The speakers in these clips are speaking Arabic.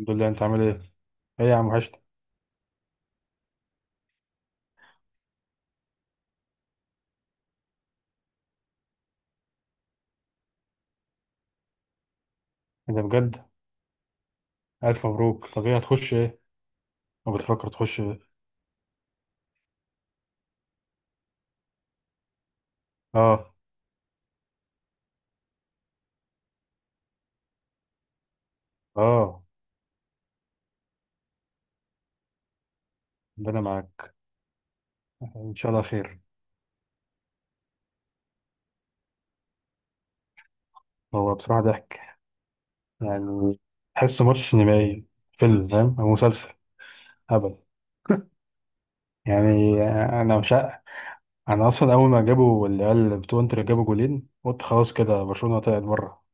الحمد لله. انت عامل ايه؟ ايه يا عم وحشتك. ايه ده بجد؟ الف مبروك، طب ايه هتخش ايه؟ ما بتفكر تخش ايه؟ اه. اه ده انا معاك. ان شاء الله خير. هو بصراحة ضحك، يعني تحسه ماتش سينمائي، فيلم فاهم او مسلسل هبل يعني. انا مش ع- انا اصلا اول ما جابوا العيال بتوع انتر جابوا جولين قلت خلاص كده برشلونة طلعت بره.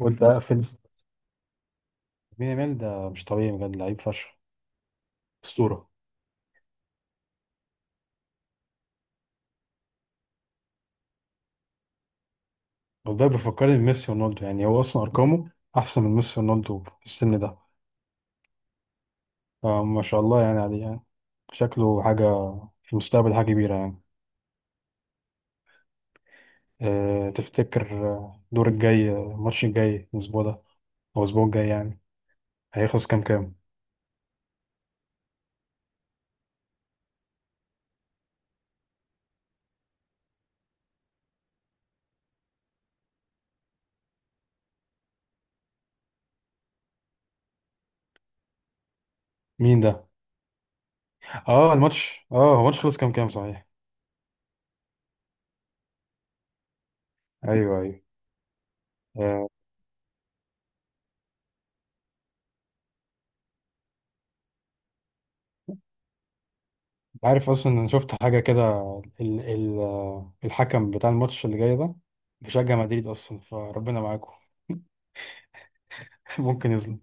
قلت اقفل. مين يامال ده؟ مش طبيعي بجد، لعيب فشخ، اسطورة. والله بيفكرني بميسي ورونالدو، يعني هو اصلا ارقامه احسن من ميسي ورونالدو في السن ده، فما شاء الله يعني عليه يعني. شكله حاجه في المستقبل حاجه كبيره يعني. أه تفتكر آه، الدور الجاي آه، الماتش الجاي الاسبوع ده او الاسبوع الجاي يعني هيخلص كام كام؟ مين ده؟ اه الماتش، اه هو الماتش خلص كام كام صحيح؟ ايوه ايوه. آه، عارف اصلا انا شفت حاجه كده. ال آه، الحكم بتاع الماتش اللي جاي ده بيشجع مدريد اصلا، فربنا معاكم. ممكن يظلم.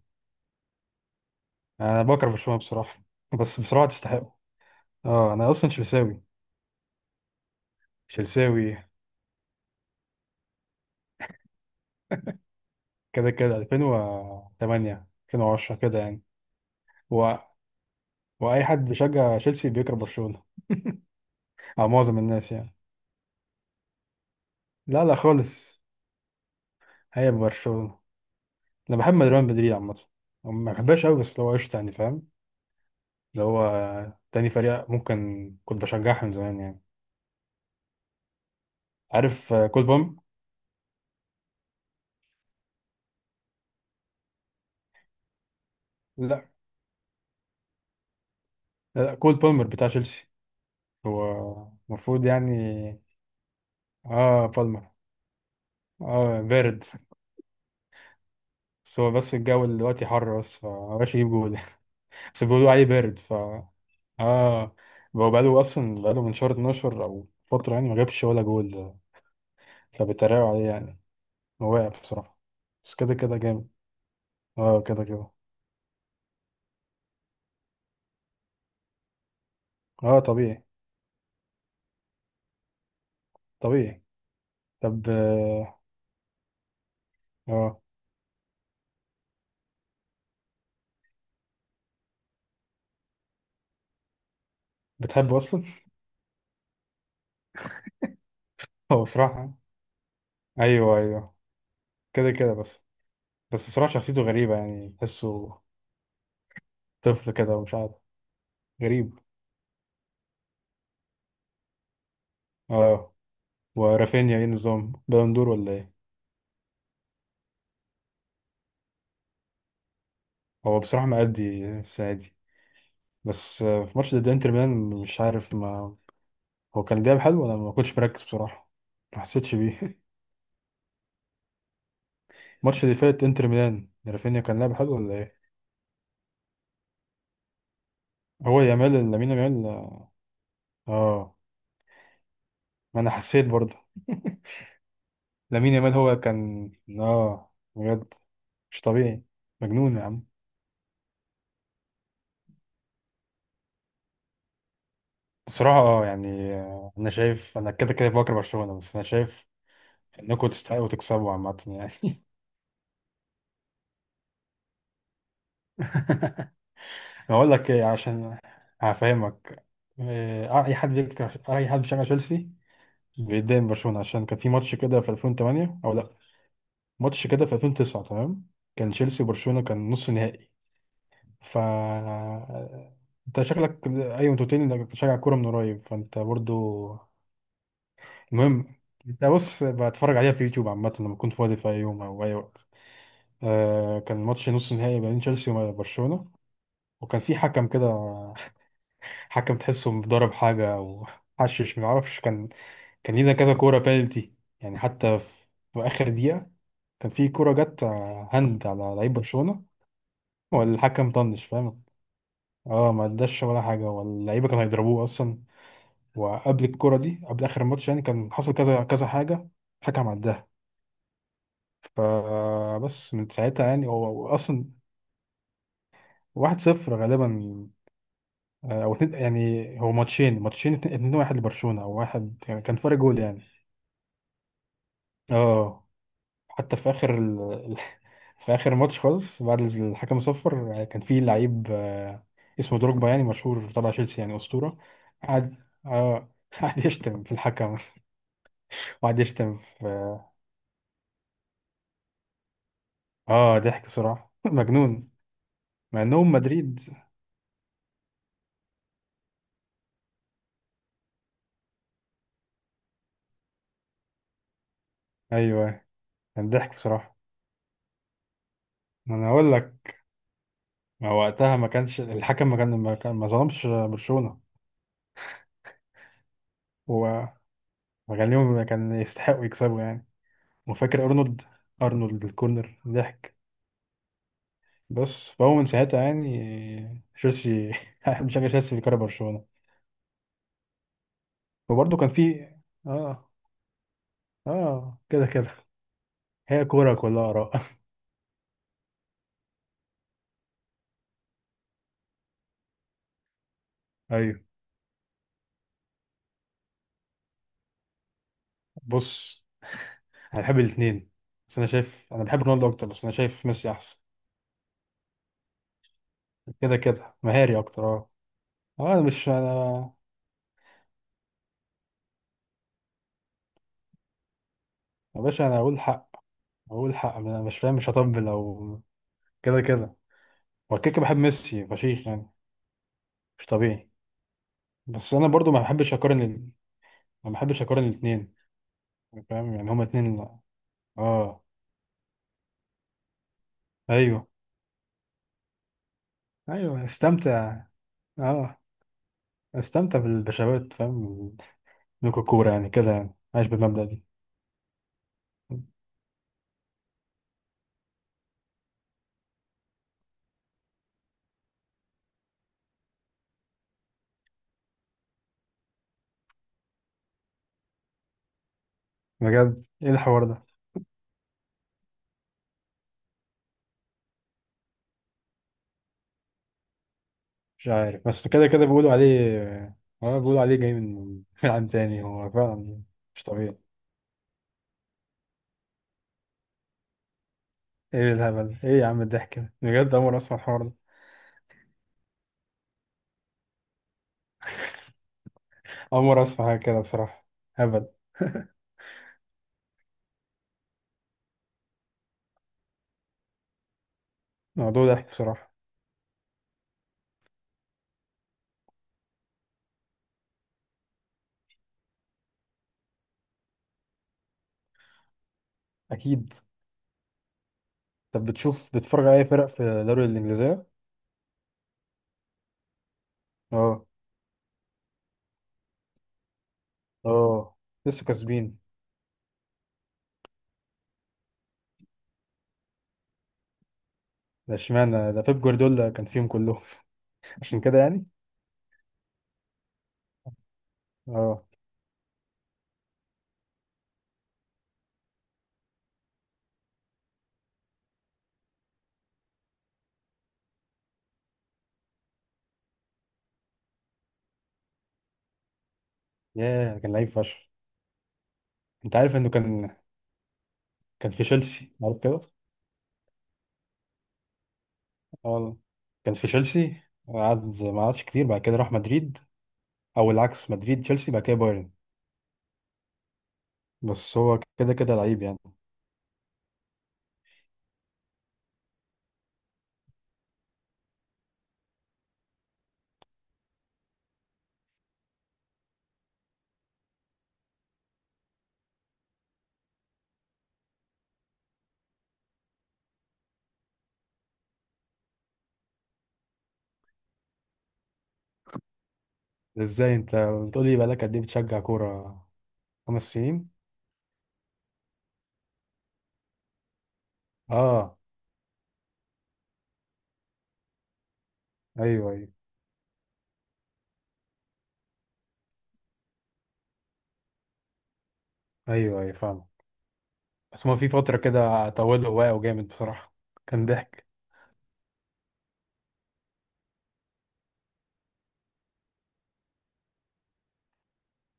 انا بكره برشلونه بصراحه، بس بصراحه تستحقه. اه انا اصلا تشيلساوي، تشيلساوي كده كده، 2008 2010 كده يعني. و... واي حد بيشجع تشيلسي بيكره برشلونه، او معظم الناس يعني. لا لا خالص. هي برشلونه، انا بحب ريال مدريد عامه، ما بحبهاش قوي، بس اللي هو قشطه يعني فاهم، اللي هو تاني فريق ممكن كنت بشجعها من زمان يعني. عارف آه، كول بوم. لا لا، كول بالمر بتاع تشيلسي. هو المفروض يعني. اه بالمر، اه بارد. بس هو بس الجو دلوقتي حر، بس فمبقاش يجيب جول. بس بيقولوا عليه بارد ف. اه هو بقاله أصلا، بقاله من شهر 12 أو فترة يعني ما جابش ولا جول، فبيتريقوا عليه يعني. هو واقع بصراحة، بس كده كده جامد. اه كده كده. اه طبيعي. طبيعي. طب اه آه، بتحبه أصلا؟ هو بصراحة، أيوه أيوه كده كده بس. بس بصراحة شخصيته غريبة، يعني تحسه طفل كده ومش عارف. غريب. اه ورافينيا ايه نظام، بالون دور ولا ايه؟ هو بصراحة مأدي السنة دي، بس آه، في ماتش ضد انتر ميلان مش عارف ما، هو كان لعب حلو ولا ما كنتش مركز بصراحة، ما حسيتش بيه. الماتش اللي فات انتر ميلان، رافينيا كان لعب حلو ولا ايه؟ هو يامال، لامين يامال اه. آه، ما انا حسيت برضه. لامين يامال هو كان، اه بجد مش طبيعي، مجنون يا عم. بصراحة اه يعني آه، انا شايف انا كده كده بكره برشلونة، بس انا شايف انكم تستحقوا تكسبوا عامة يعني. هقول لك إيه، عشان هفهمك. إيه، آه، اي حد بيكره، اي حد بيشجع تشيلسي بيتضايق من برشلونه، عشان كان في ماتش كده في 2008 او لا، ماتش كده في 2009 تمام، كان تشيلسي وبرشلونه كان نص نهائي. ف انت شكلك ايوه، انت قلت لي انك بتشجع كوره من قريب، فانت برضو. المهم، انت بص، بتفرج عليها في يوتيوب عامه لما كنت فاضي في اي يوم او اي وقت. آه كان ماتش نص نهائي بين تشيلسي وبرشلونه، وكان في حكم كده، حكم تحسه مضارب حاجة أو حشش معرفش كان. كان لينا كذا كورة بينالتي، يعني حتى في، في آخر دقيقة كان في كورة جت آه، هاند على لعيب برشلونة، والحكم طنش فاهم. اه ما اداش ولا حاجة، واللعيبة كانوا هيضربوه أصلا. وقبل الكورة دي، قبل آخر الماتش يعني، كان حصل كذا كذا حاجة الحكم عداها، فبس من ساعتها يعني. هو أصلا واحد صفر غالبا، آه، أو اتنين يعني، هو ماتشين، ماتشين اتنين اتنين، واحد لبرشلونة أو واحد، يعني كان فرق جول يعني. اه حتى في اخر في اخر ماتش خالص بعد الحكم صفر، كان في لعيب آه، اسمه دروجبا يعني مشهور تبع تشيلسي يعني اسطوره. قعد، اه قعد يشتم في الحكم، وقعد يشتم في. اه ضحك بصراحه، مجنون. مع انهم مدريد. ايوه. كان ضحك بصراحه. ما انا اقول لك، ما وقتها ما كانش الحكم، ما كان ما, كان ما ظلمش برشلونه. هو ما كان ليهم، كان يستحقوا يكسبوا يعني. وفاكر ارنولد، ارنولد الكورنر ضحك. بص فهو من ساعتها يعني تشيلسي، بشجع تشيلسي بيكره برشلونة. وبرضه كان في اه، اه كده كده. هي كورة كلها آراء. ايوه بص، انا بحب الاثنين، بس انا شايف انا بحب رونالدو اكتر، بس انا شايف ميسي احسن. كده كده مهاري اكتر اه. اه انا مش انا، يا باشا انا اقول حق، اقول حق، انا مش فاهم مش هطبل او كده كده. هو كده كده بحب ميسي فشيخ يعني، مش طبيعي. بس انا برضو ما بحبش اقارن الاثنين. فاهم يعني هما الاثنين اه. ايوه. ايوه استمتع. اه استمتع بالبشاوات فاهم، الكوكورة يعني كده يعني، عايش بالمبدأ دي. بجد ايه الحوار ده؟ مش عارف، بس كده كده بيقولوا عليه. اه بيقولوا عليه جاي من من عالم تاني. هو فعلا مش طبيعي. ايه الهبل، ايه يا عم الضحك ده بجد، اول مرة اسمع الحوار ده. اول مرة اسمع حاجة كده بصراحة. هبل. موضوع ضحك بصراحة. اكيد. طب بتشوف، بتتفرج على اي فرق في الدوري الانجليزية؟ اه. اه. لسه كاسبين. ده اشمعنى ده، بيب جوارديولا كان فيهم كلهم. عشان كده يعني. اه. ياه كان لعيب فشخ. انت عارف انه كان، كان في تشيلسي عارف كده؟ اه والله. كان في تشيلسي، قعد ما قعدش كتير، بعد كده راح مدريد، او العكس مدريد تشيلسي بعد كده بايرن. بس هو كده كده لعيب يعني. ازاي انت بتقولي بقالك قد ايه بتشجع كورة، خمس سنين؟ اه ايوه ايوه. ايوه ايوه فاهم. بس هو في فترة كده طوله واقع جامد بصراحة، كان ضحك.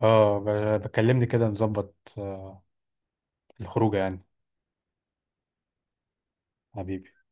اه بكلمني كده نظبط آه، الخروجه يعني. حبيبي.